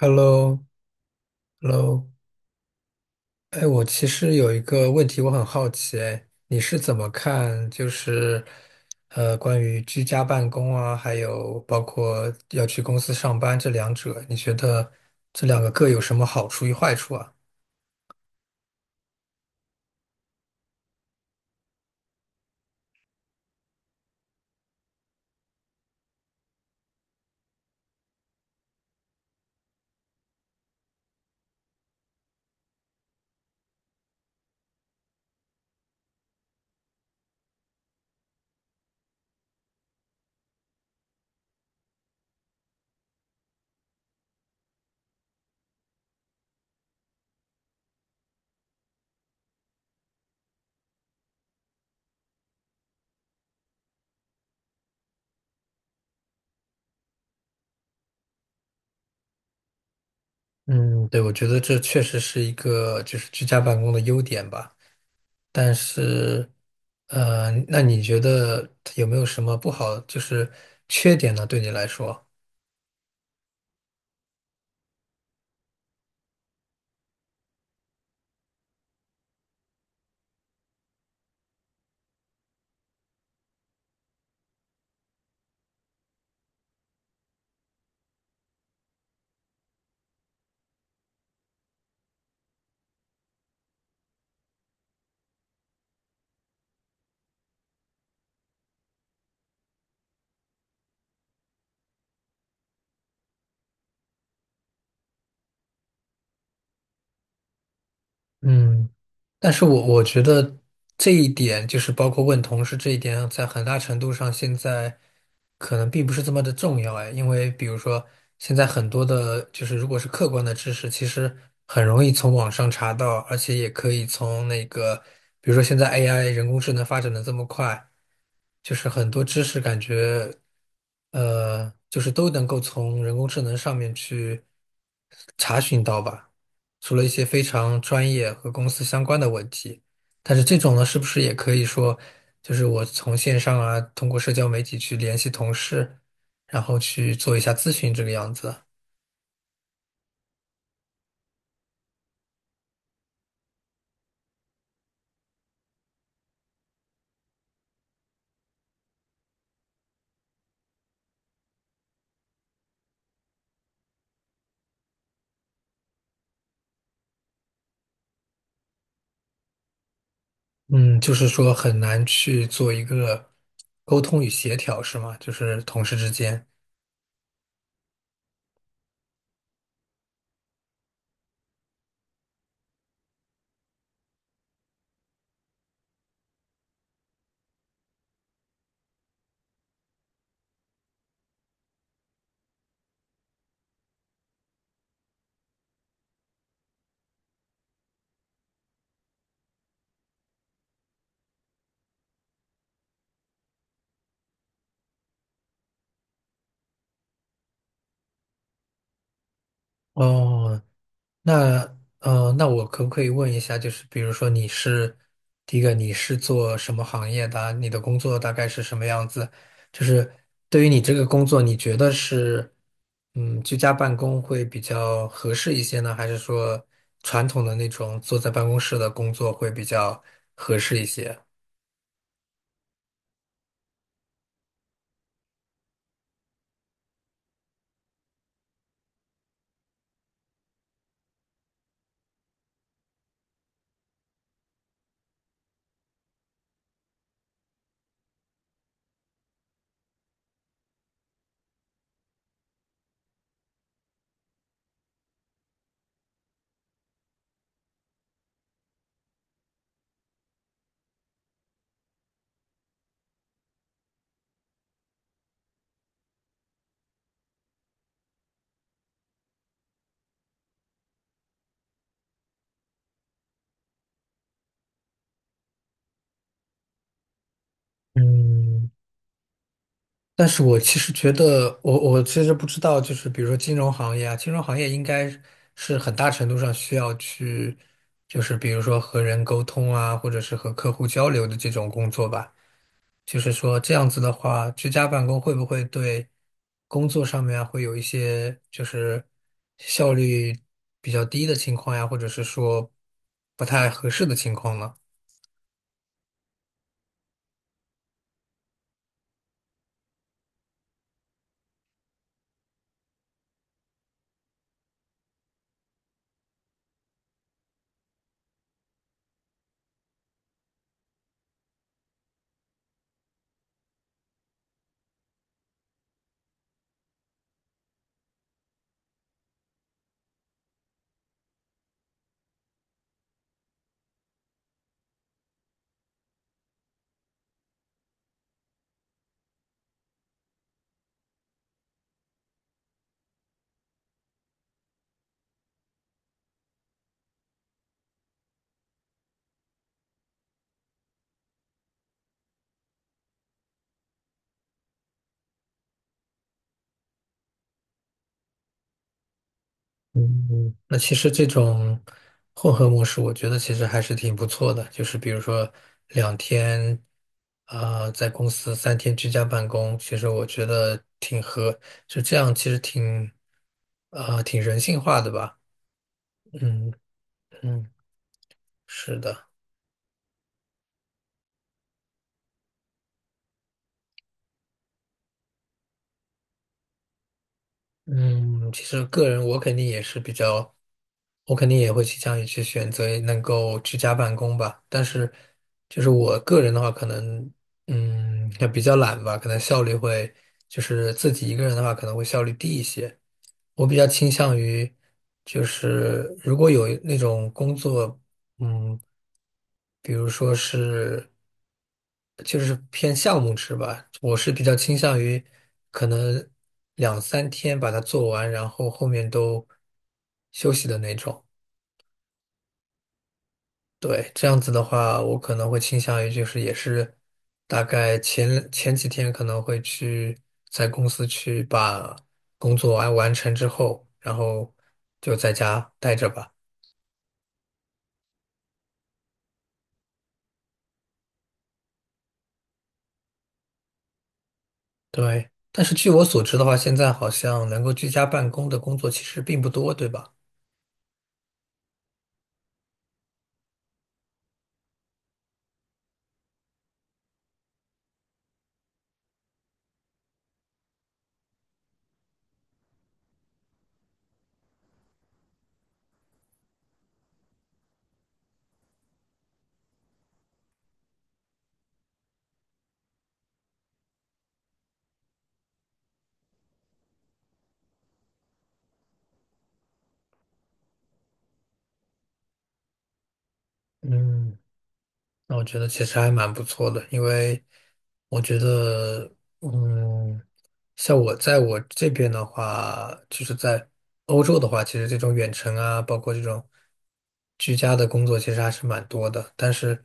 Hello，Hello，哎，我其实有一个问题，我很好奇，哎，你是怎么看，关于居家办公啊，还有包括要去公司上班这两者，你觉得这两个各有什么好处与坏处啊？嗯，对，我觉得这确实是一个就是居家办公的优点吧，但是那你觉得有没有什么不好，就是缺点呢？对你来说？嗯。但是我觉得这一点，就是包括问同事这一点，在很大程度上现在可能并不是这么的重要哎，因为比如说现在很多的，就是如果是客观的知识，其实很容易从网上查到，而且也可以从那个，比如说现在 AI 人工智能发展的这么快，就是很多知识感觉，就是都能够从人工智能上面去查询到吧。除了一些非常专业和公司相关的问题，但是这种呢，是不是也可以说，就是我从线上啊，通过社交媒体去联系同事，然后去做一下咨询这个样子？嗯，就是说很难去做一个沟通与协调，是吗？就是同事之间。哦，那那我可不可以问一下，就是比如说你是第一个，你是做什么行业的啊你的工作大概是什么样子？就是对于你这个工作，你觉得是嗯居家办公会比较合适一些呢，还是说传统的那种坐在办公室的工作会比较合适一些？嗯。但是我其实觉得，我其实不知道，就是比如说金融行业啊，金融行业应该是很大程度上需要去，就是比如说和人沟通啊，或者是和客户交流的这种工作吧。就是说这样子的话，居家办公会不会对工作上面啊会有一些就是效率比较低的情况呀，或者是说不太合适的情况呢？嗯，那其实这种混合模式，我觉得其实还是挺不错的。就是比如说两天，啊、在公司三天居家办公，其实我觉得挺合，就这样，其实挺，啊、挺人性化的吧。嗯嗯，是的。嗯，其实个人我肯定也是比较，我肯定也会倾向于去选择能够居家办公吧。但是，就是我个人的话，可能嗯也比较懒吧，可能效率会就是自己一个人的话，可能会效率低一些。我比较倾向于，就是如果有那种工作，嗯，比如说是，就是偏项目制吧，我是比较倾向于可能两三天把它做完，然后后面都休息的那种。对，这样子的话，我可能会倾向于就是也是大概前几天可能会去在公司去把工作完成之后，然后就在家待着吧。对，但是据我所知的话，现在好像能够居家办公的工作其实并不多，对吧？嗯。那我觉得其实还蛮不错的，因为我觉得，嗯，像我在我这边的话，就是在欧洲的话，其实这种远程啊，包括这种居家的工作，其实还是蛮多的。但是，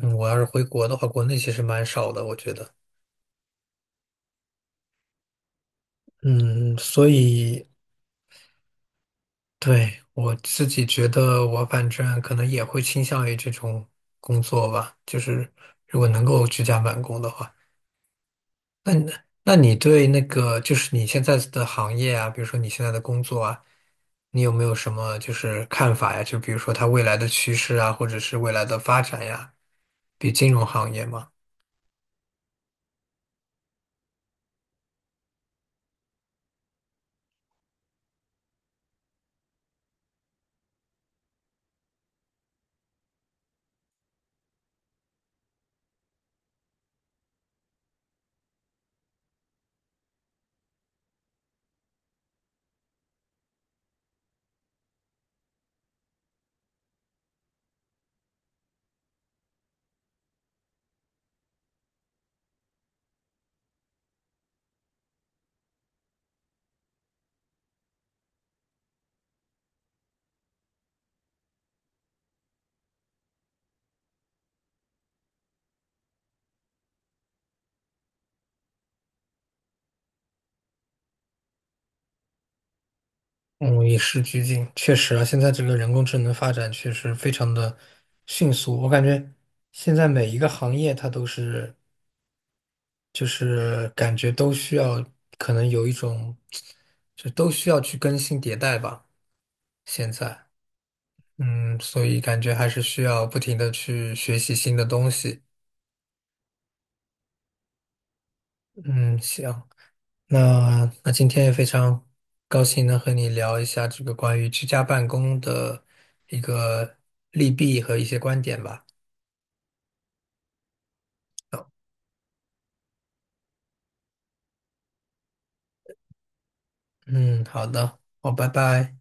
嗯，我要是回国的话，国内其实蛮少的，我觉得。嗯，所以对我自己觉得，我反正可能也会倾向于这种工作吧，就是如果能够居家办公的话。那你对那个就是你现在的行业啊，比如说你现在的工作啊，你有没有什么就是看法呀？就比如说它未来的趋势啊，或者是未来的发展呀，比金融行业嘛，嗯，与时俱进，确实啊，现在这个人工智能发展确实非常的迅速，我感觉现在每一个行业它都是就是感觉都需要可能有一种就都需要去更新迭代吧，现在。嗯，所以感觉还是需要不停的去学习新的东西。嗯，行，那今天也非常高兴能和你聊一下这个关于居家办公的一个利弊和一些观点吧。嗯，好的，好，拜拜。